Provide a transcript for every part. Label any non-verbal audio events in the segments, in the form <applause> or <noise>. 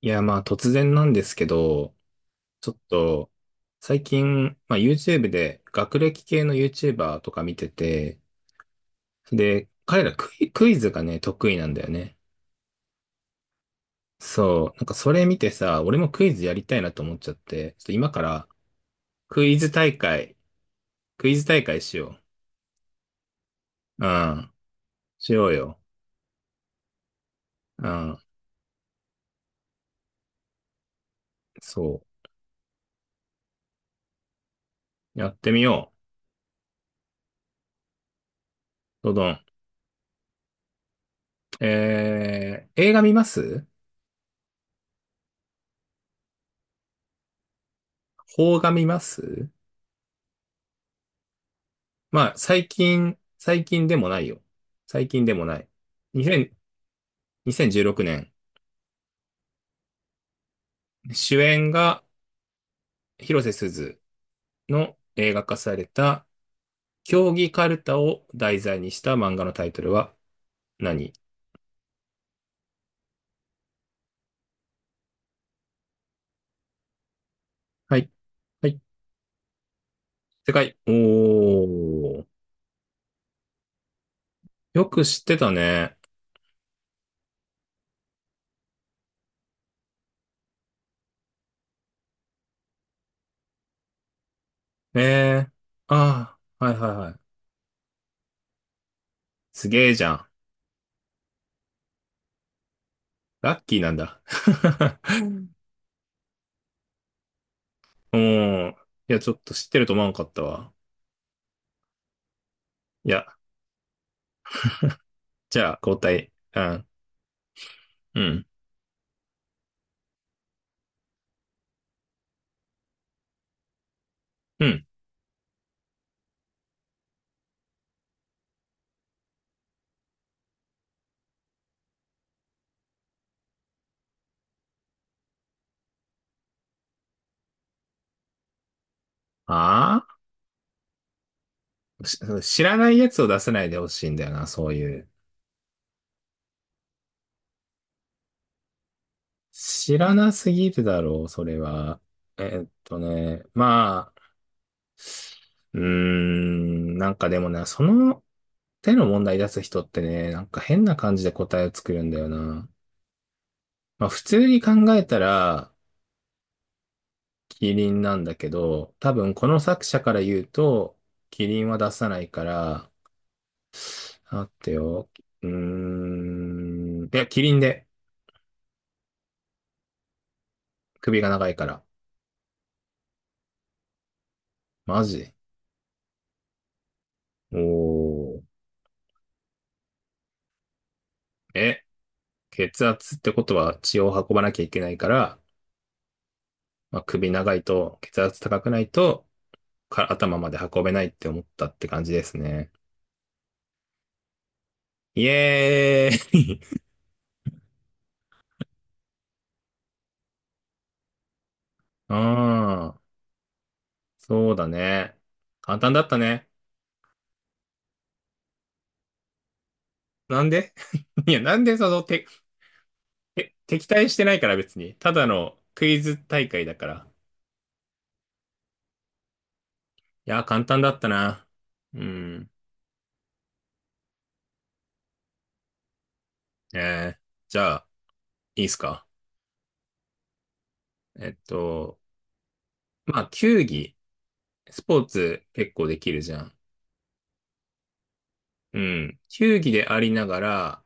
いや、まあ突然なんですけど、ちょっと最近、まあ YouTube で学歴系の YouTuber とか見てて、で、彼らクイズがね、得意なんだよね。そう、なんかそれ見てさ、俺もクイズやりたいなと思っちゃって、ちょっと今からクイズ大会、クイズ大会しよう。うん、しようよ。うん、そう。やってみよう。どどん。映画見ます？邦画見ます？まあ、最近でもないよ。最近でもない。2000 2016年、にせんじゅうろくねん主演が広瀬すずの映画化された、競技カルタを題材にした漫画のタイトルは何？はい。はい。正解。おー。よく知ってたね。えーああ、はいはいはい。すげえじゃん。ラッキーなんだ。<laughs> うん。<laughs> いや、ちょっと知ってると思わんかったわ。いや、じゃあ、交代。うん。うん。うん。ああ、知らないやつを出せないでほしいんだよな、そういう。知らなすぎるだろう、それは。まあ、なんかでもね、その手の問題出す人ってね、なんか変な感じで答えを作るんだよな。まあ普通に考えたら、キリンなんだけど、多分この作者から言うと、キリンは出さないから、待ってよ。うーいや、キリンで、首が長いから。マジ？おー。え、血圧ってことは血を運ばなきゃいけないから、まあ、首長いと血圧高くないとか頭まで運べないって思ったって感じですね。イエーイ <laughs> ああ、そうだね。簡単だったね。なんで？ <laughs> いや、なんでその、敵対してないから別に。ただのクイズ大会だから。いや、簡単だったな。うん。えー、じゃあ、いいっすか。えっと、まあ、球技。スポーツ結構できるじゃん。うん。球技でありながら、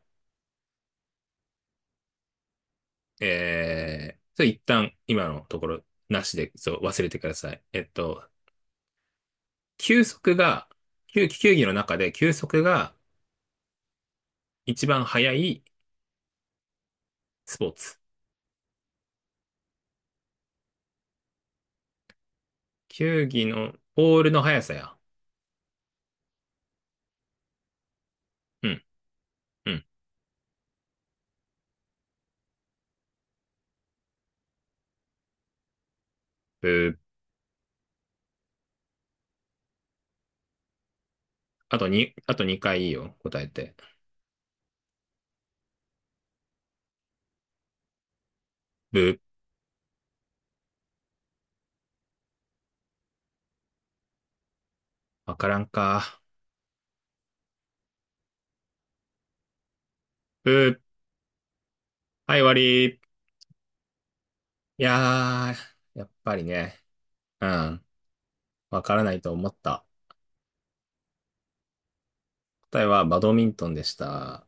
それ一旦今のところなしで、そう、忘れてください。球速が、球技の中で球速が一番速いスポーツ。球技のボールの速さや。うん、うん。ブー。あとに、あと2回いいいよ、答えて。ブー。わからんか。ブー。はい、終わり。いやー、やっぱりね、うん、わからないと思った。答えはバドミントンでした。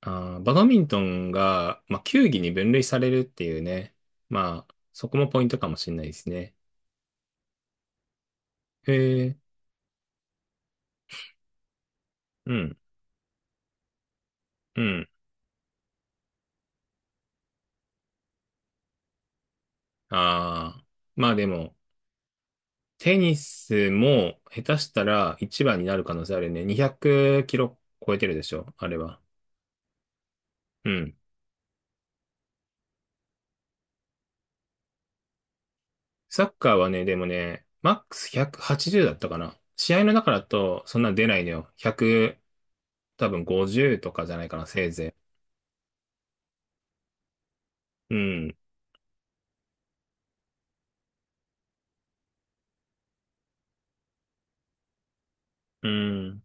あー、バドミントンが、まあ、球技に分類されるっていうね。まあ、そこもポイントかもしれないですね。へえ、うん、うん。ああ、まあでも、テニスも下手したら一番になる可能性あるね。200キロ超えてるでしょ、あれは。うん。サッカーはね、でもね、マックス180だったかな。試合の中だとそんな出ないのよ。100、多分50とかじゃないかな、せいぜい。うん。うん。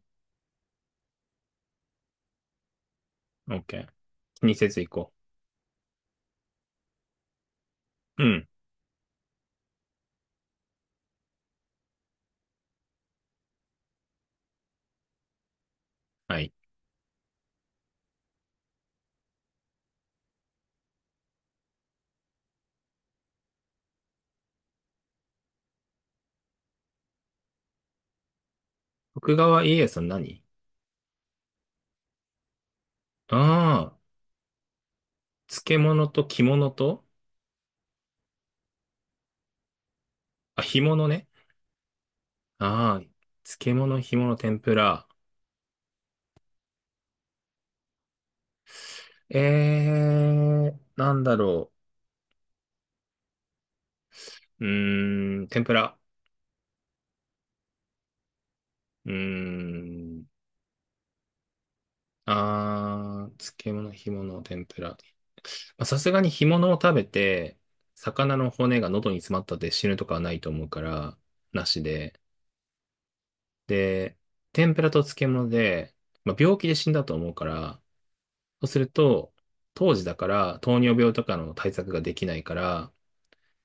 OK。気にせず行こう。うん。はい。徳川家康の何？ああー、漬物と着物と、あ、干物ね。ああ、漬物、干物、天ぷら。なんだろう？天ぷら。うーん。ああ、漬物、干物、天ぷら。まあさすがに干物を食べて、魚の骨が喉に詰まったって死ぬとかはないと思うから、なしで。で、天ぷらと漬物で、まあ、病気で死んだと思うから、そうすると、当時だから糖尿病とかの対策ができないから、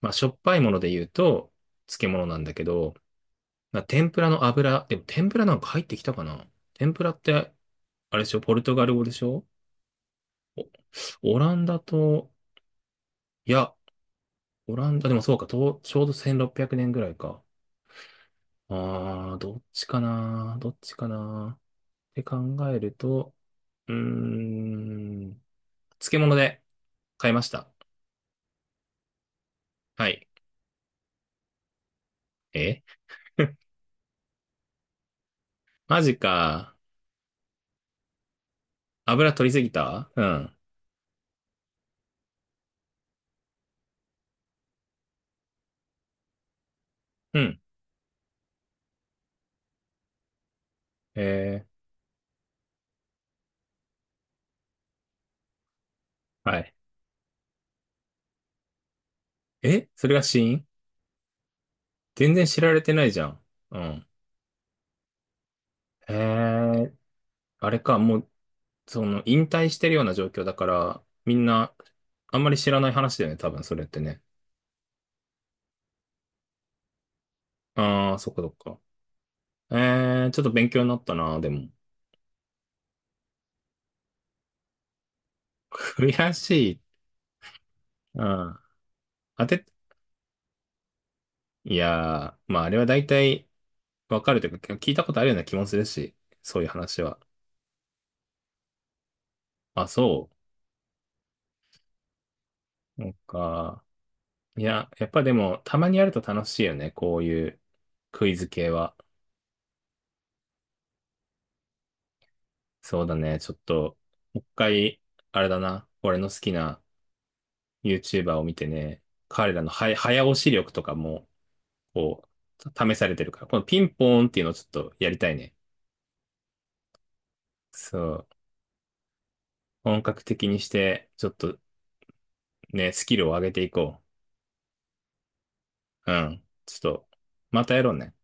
まあ、しょっぱいもので言うと漬物なんだけど、まあ、天ぷらの油、でも天ぷらなんか入ってきたかな？天ぷらって、あれでしょ？ポルトガル語でしょ？オランダと、いや、オランダでもそうか、とちょうど1600年ぐらいか。どっちかなどっちかなって考えると、うーん。漬物で買いました。はい。え？ <laughs> マジか。油取りすぎた。うん。うん。えはい。え、それが死因？全然知られてないじゃん。うん。えー、あれか、もう、その、引退してるような状況だから、みんな、あんまり知らない話だよね、多分それってね。ああ、そっかそっか。ちょっと勉強になったな、でも。<laughs> 悔しい。うん。当て、いやー、まああれは大体、わかるというか、聞いたことあるような気もするし、そういう話は。あ、そう。なんか、いや、やっぱでも、たまにやると楽しいよね、こういうクイズ系は。そうだね、ちょっと、もう一回、あれだな、俺の好きな YouTuber を見てね、彼らのは早押し力とかも、こう、試されてるから、このピンポーンっていうのをちょっとやりたいね。そう。本格的にして、ちょっとね、スキルを上げていこう。うん。ちょっと、またやろうね。